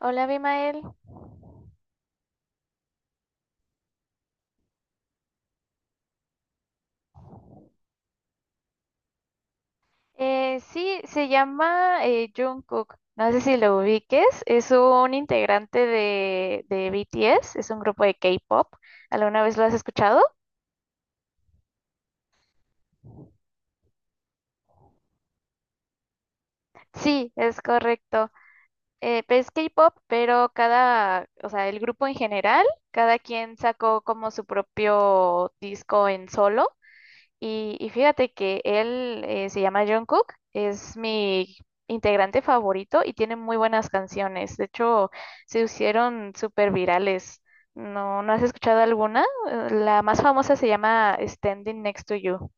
Hola, Abimael. Sí, se llama Jungkook. No sé si lo ubiques. Es un integrante de BTS. Es un grupo de K-pop. ¿Alguna vez lo has escuchado? Sí, es correcto. Pues es K-pop, pero o sea, el grupo en general, cada quien sacó como su propio disco en solo. Y fíjate que él se llama Jungkook, es mi integrante favorito y tiene muy buenas canciones. De hecho, se hicieron súper virales. ¿No has escuchado alguna? La más famosa se llama Standing Next to You.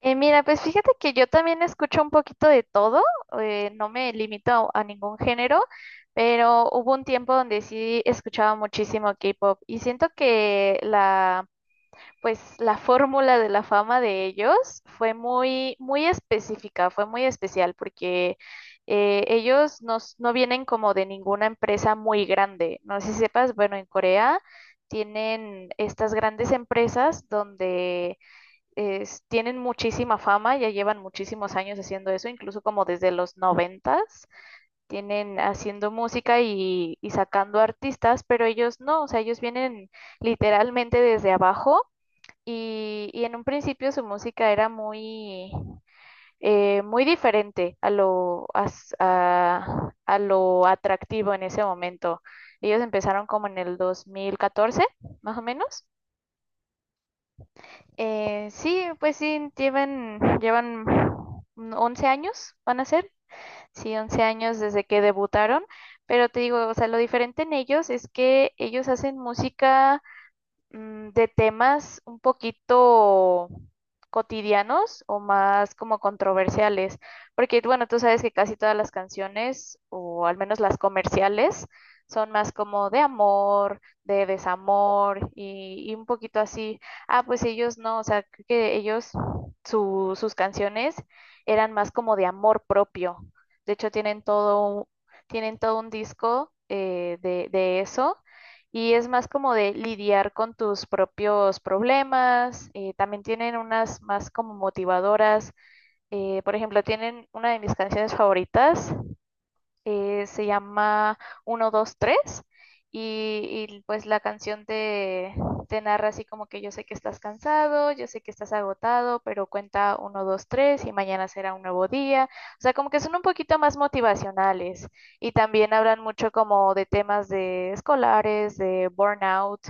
Mira, pues fíjate que yo también escucho un poquito de todo, no me limito a ningún género, pero hubo un tiempo donde sí escuchaba muchísimo K-pop y siento que la, pues la fórmula de la fama de ellos fue muy, muy específica, fue muy especial porque ellos no vienen como de ninguna empresa muy grande. No sé si sepas, bueno, en Corea tienen estas grandes empresas donde tienen muchísima fama, ya llevan muchísimos años haciendo eso, incluso como desde los noventas, tienen haciendo música y sacando artistas, pero ellos no, o sea, ellos vienen literalmente desde abajo y en un principio su música era muy, muy diferente a a lo atractivo en ese momento. Ellos empezaron como en el 2014, más o menos. Sí, pues sí, llevan 11 años, van a ser, sí, 11 años desde que debutaron, pero te digo, o sea, lo diferente en ellos es que ellos hacen música de temas un poquito cotidianos o más como controversiales, porque bueno, tú sabes que casi todas las canciones, o al menos las comerciales, son más como de amor, de desamor y un poquito así. Ah, pues ellos no, o sea, creo que ellos, sus canciones eran más como de amor propio. De hecho, tienen todo un disco de eso y es más como de lidiar con tus propios problemas. También tienen unas más como motivadoras. Por ejemplo, tienen una de mis canciones favoritas se llama uno 2 3 y, pues la canción te narra así como que yo sé que estás cansado, yo sé que estás agotado, pero cuenta uno 2 3 y mañana será un nuevo día. O sea, como que son un poquito más motivacionales y también hablan mucho como de temas de escolares, de burnout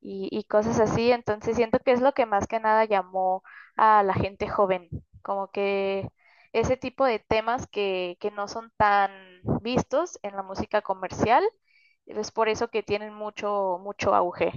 y cosas así. Entonces siento que es lo que más que nada llamó a la gente joven. Como que ese tipo de temas que no son tan vistos en la música comercial. Es por eso que tienen mucho, mucho auge.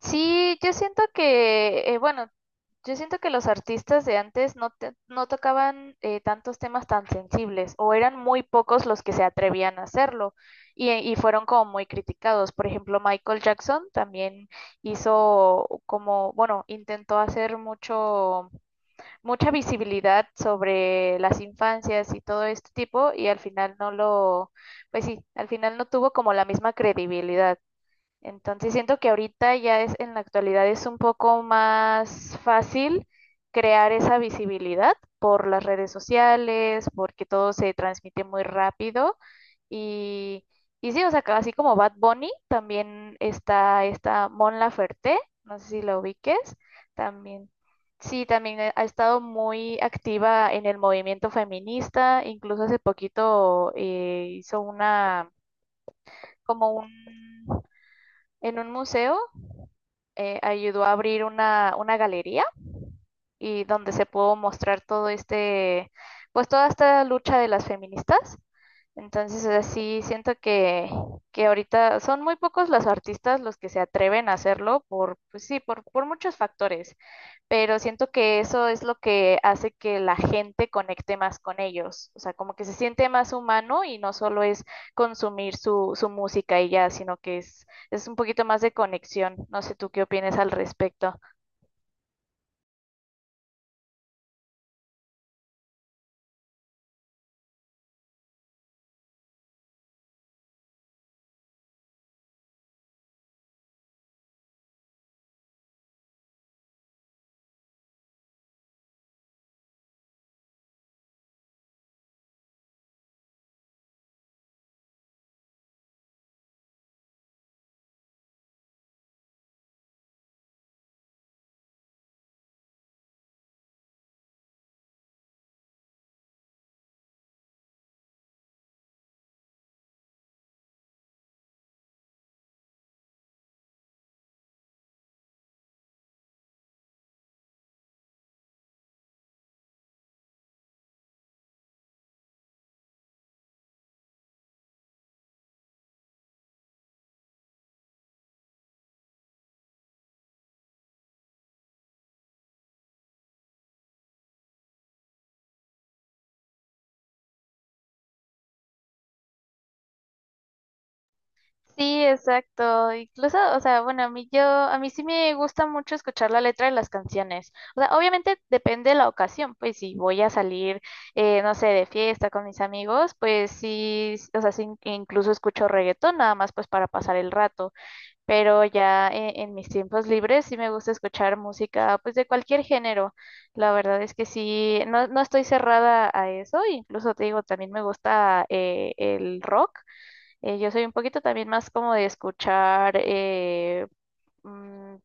Sí, yo siento que, bueno, yo siento que los artistas de antes no tocaban tantos temas tan sensibles o eran muy pocos los que se atrevían a hacerlo y fueron como muy criticados. Por ejemplo, Michael Jackson también hizo como, bueno, intentó hacer mucho mucha visibilidad sobre las infancias y todo este tipo y al final no lo, pues sí, al final no tuvo como la misma credibilidad. Entonces siento que ahorita ya es, en la actualidad es un poco más fácil crear esa visibilidad por las redes sociales, porque todo se transmite muy rápido. Y, y sí, o sea, así como Bad Bunny, también está esta Mon Laferte, no sé si la ubiques, también. Sí, también ha estado muy activa en el movimiento feminista, incluso hace poquito hizo como un, en un museo ayudó a abrir una galería y donde se pudo mostrar todo este, pues toda esta lucha de las feministas. Entonces, así siento que ahorita son muy pocos los artistas los que se atreven a hacerlo por, pues sí, por muchos factores, pero siento que eso es lo que hace que la gente conecte más con ellos, o sea, como que se siente más humano y no solo es consumir su, su música y ya, sino que es un poquito más de conexión. No sé tú qué opinas al respecto. Sí, exacto. Incluso, o sea, bueno, a mí sí me gusta mucho escuchar la letra de las canciones. O sea, obviamente depende de la ocasión, pues si voy a salir, no sé, de fiesta con mis amigos, pues sí, o sea, sí, incluso escucho reggaetón, nada más pues para pasar el rato. Pero ya en mis tiempos libres sí me gusta escuchar música, pues de cualquier género. La verdad es que sí, no, no estoy cerrada a eso. Incluso te digo, también me gusta el rock. Yo soy un poquito también más como de escuchar, mm,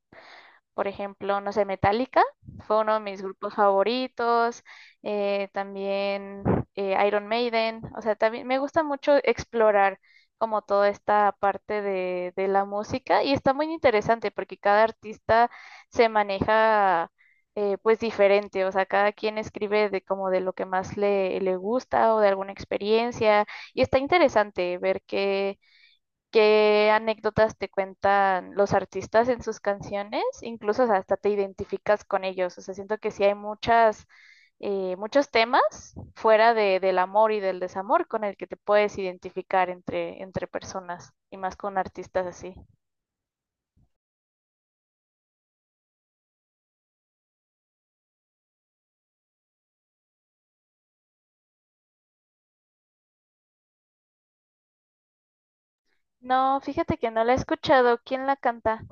por ejemplo, no sé, Metallica, fue uno de mis grupos favoritos, también Iron Maiden, o sea, también me gusta mucho explorar como toda esta parte de la música y está muy interesante porque cada artista se maneja pues diferente, o sea, cada quien escribe de como de lo que más le gusta o de alguna experiencia y está interesante ver que qué anécdotas te cuentan los artistas en sus canciones, incluso o sea, hasta te identificas con ellos. O sea, siento que sí hay muchos temas fuera del amor y del desamor con el que te puedes identificar entre personas y más con artistas así. No, fíjate que no la he escuchado. ¿Quién la canta?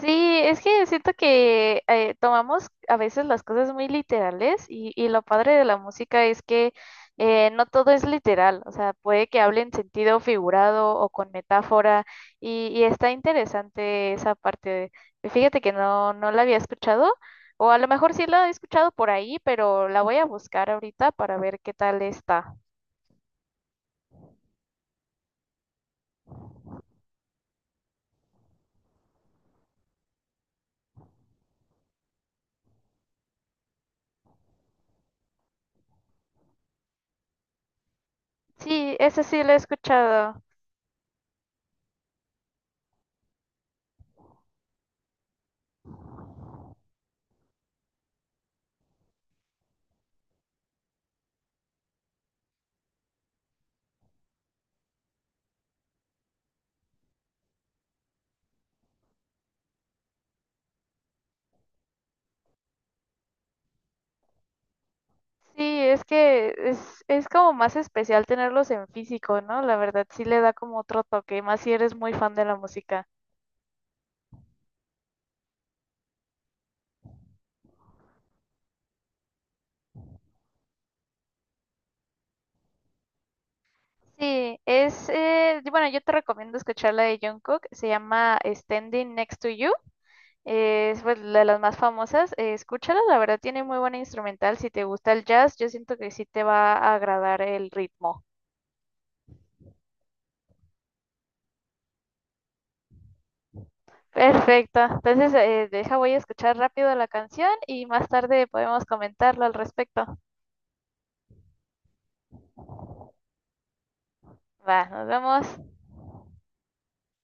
Sí, es que siento que tomamos a veces las cosas muy literales y lo padre de la música es que no todo es literal, o sea, puede que hable en sentido figurado o con metáfora y está interesante esa parte. Fíjate que no, no la había escuchado o a lo mejor sí la he escuchado por ahí, pero la voy a buscar ahorita para ver qué tal está. Sí, esa sí la he escuchado. Sí, es como más especial tenerlos en físico, ¿no? La verdad sí le da como otro toque, más si eres muy fan de la música. Sí, y bueno, yo te recomiendo escuchar la de Jungkook, se llama Standing Next to You, es pues, la de las más famosas, escúchala, la verdad tiene muy buena instrumental, si te gusta el jazz, yo siento que sí te va a agradar el ritmo. Perfecto, entonces deja, voy a escuchar rápido la canción y más tarde podemos comentarlo al respecto. Va, nos vemos.